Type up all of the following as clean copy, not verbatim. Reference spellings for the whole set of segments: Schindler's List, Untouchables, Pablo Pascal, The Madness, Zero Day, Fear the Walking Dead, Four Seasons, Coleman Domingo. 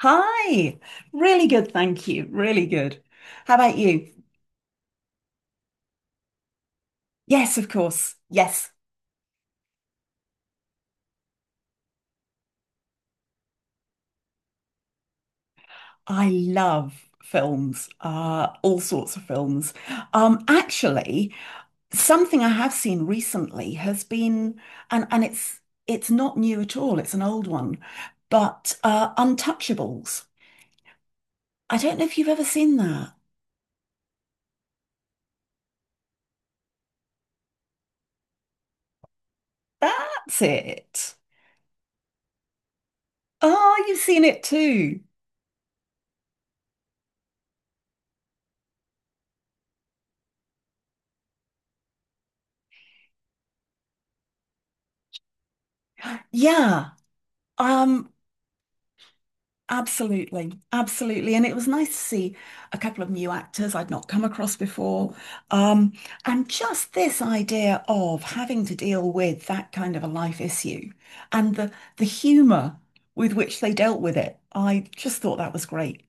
Hi. Really good, thank you. Really good. How about you? Yes, of course. Yes. I love films, all sorts of films. Actually, something I have seen recently has been, and it's not new at all, it's an old one, but Untouchables. I don't know if you've ever seen that. That's it. Oh, you've seen it too. Yeah. Um, Absolutely, absolutely. And it was nice to see a couple of new actors I'd not come across before. Um, and just this idea of having to deal with that kind of a life issue and the humor with which they dealt with it. I just thought that was great.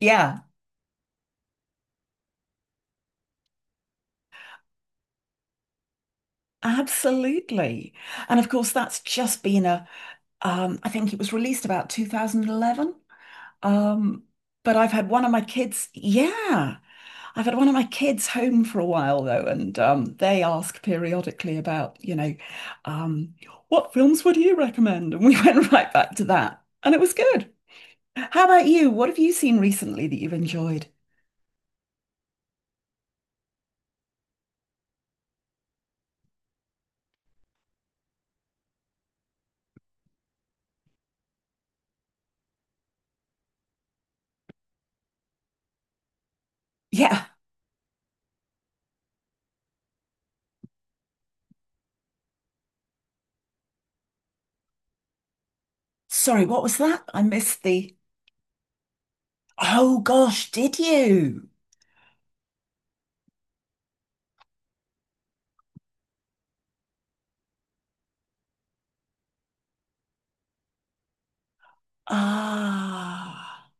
Yeah, absolutely. And of course, that's just been a I think it was released about 2011. Um, but I've had one of my kids, yeah. I've had one of my kids home for a while though, and they ask periodically about, um, what films would you recommend? And we went right back to that, and it was good. How about you? What have you seen recently that you've enjoyed? Yeah. Sorry, what was that? I missed the. Oh gosh, did you? Ah,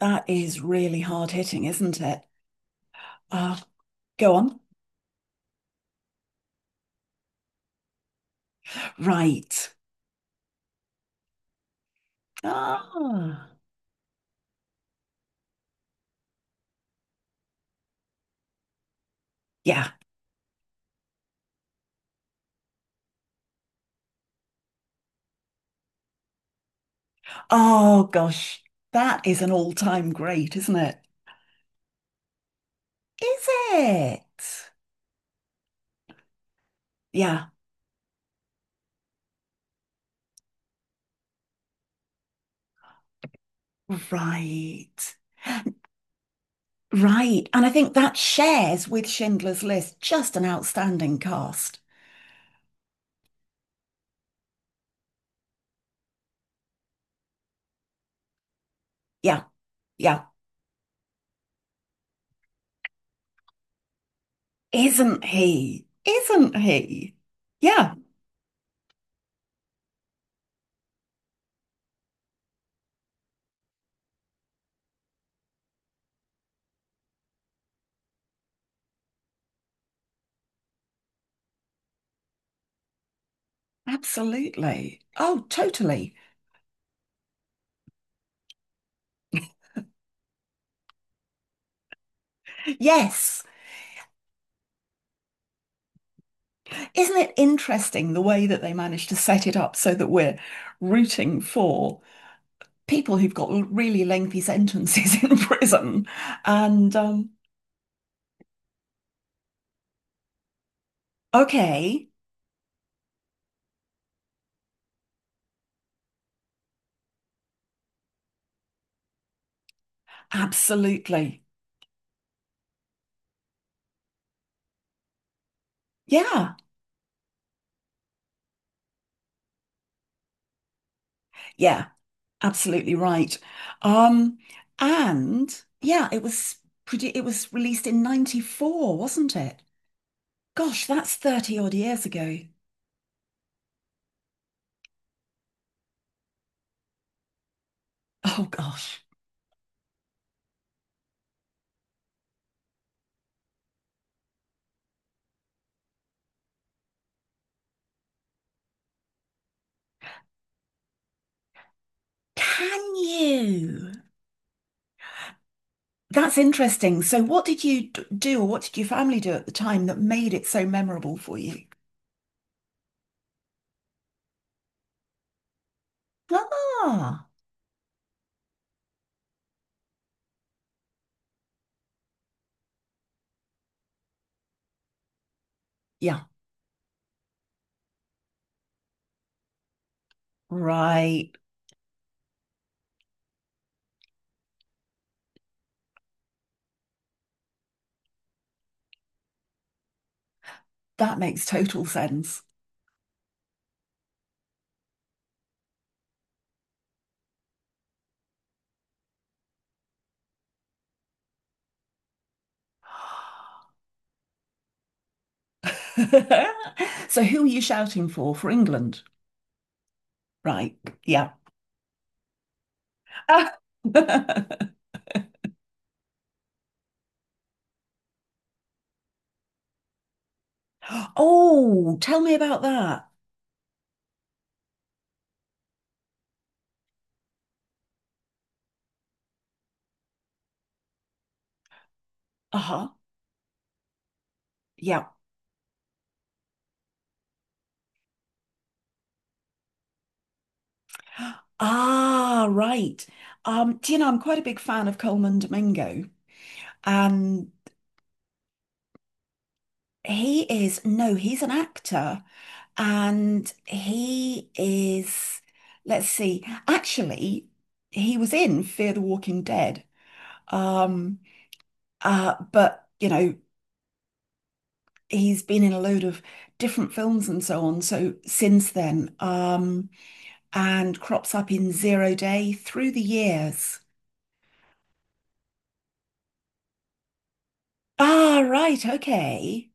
that is really hard hitting, isn't it? Ah, go on. Right. Ah, yeah. Oh gosh, that is an all-time great, isn't it? Is it? Yeah. Right. Right. And I think that shares with Schindler's List just an outstanding cast. Yeah. Yeah. Isn't he? Isn't he? Yeah. Absolutely. Oh, totally. Yes. Isn't it interesting the way that they managed to set it up so that we're rooting for people who've got really lengthy sentences in prison? And okay, absolutely. Yeah, yeah, absolutely right. Um, and yeah, it was it was released in 94, wasn't it? Gosh, that's 30 odd years ago. Oh gosh. Can you? That's interesting. So, what did you do, or what did your family do at the time that made it so memorable for you? Ah, yeah, right. That makes total sense. So, who are you shouting for? For England, right? Yeah. Ah. Oh, tell me about that. Uh-huh. Yeah. Ah, right. Do you know, I'm quite a big fan of Coleman Domingo, and he is, no, he's an actor. And he is, let's see, actually, he was in Fear the Walking Dead. Um, but, you know, he's been in a load of different films and so on. So since then, and crops up in Zero Day through the years. Ah, right. Okay.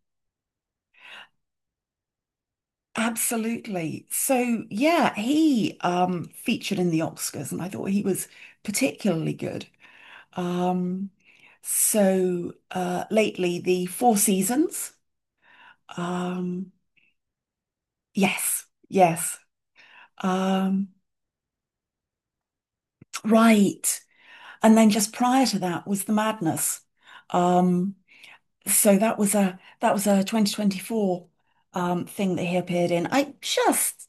Absolutely. So yeah, he featured in the Oscars and I thought he was particularly good. Um, so lately, the Four Seasons. Um, yes, yes. Um, right. And then just prior to that was The Madness. Um, so that was a 2024 thing that he appeared in. I just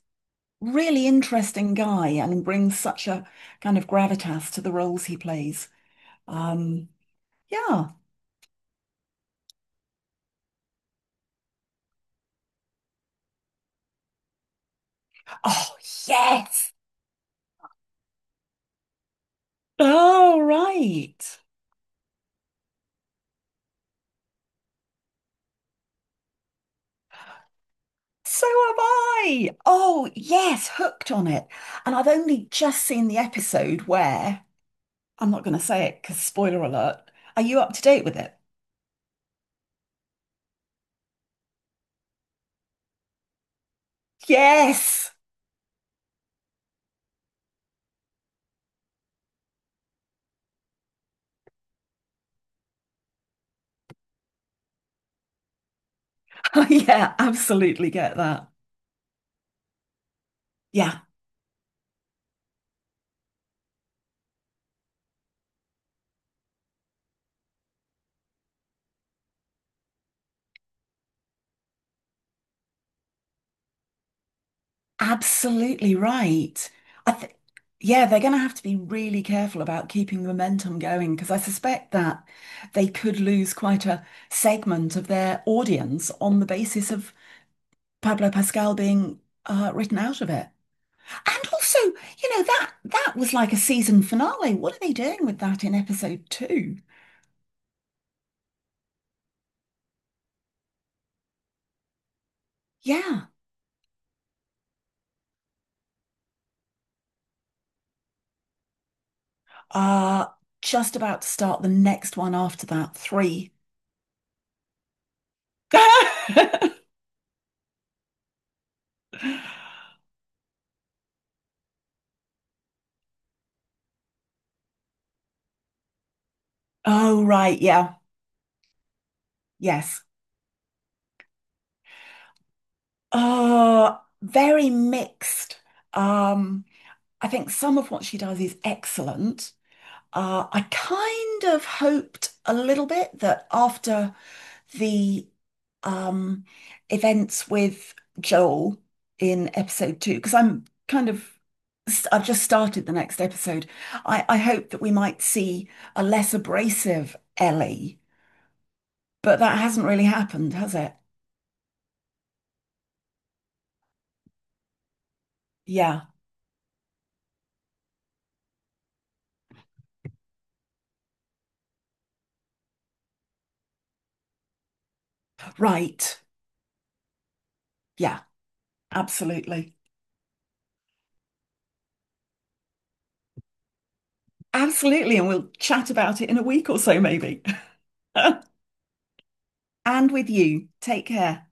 really interesting guy and brings such a kind of gravitas to the roles he plays. Um, yeah. Oh, yes. Oh, right. So am I. Oh, yes, hooked on it. And I've only just seen the episode where I'm not going to say it because spoiler alert. Are you up to date with it? Yes. Oh, yeah, absolutely get that. Yeah, absolutely right. I think, yeah, they're going to have to be really careful about keeping momentum going because I suspect that they could lose quite a segment of their audience on the basis of Pablo Pascal being written out of it. And also, you know, that that was like a season finale. What are they doing with that in episode two? Yeah. Uh, just about to start the next one after that, three. Oh right, yeah. Yes. Uh, very mixed. Um, I think some of what she does is excellent. I kind of hoped a little bit that after the um events with Joel in episode two because I'm kind of I've just started the next episode. I hope that we might see a less abrasive Ellie, but that hasn't really happened, has it? Yeah, right. Yeah, absolutely. Absolutely. And we'll chat about it in a week or so, maybe. And with you, take care.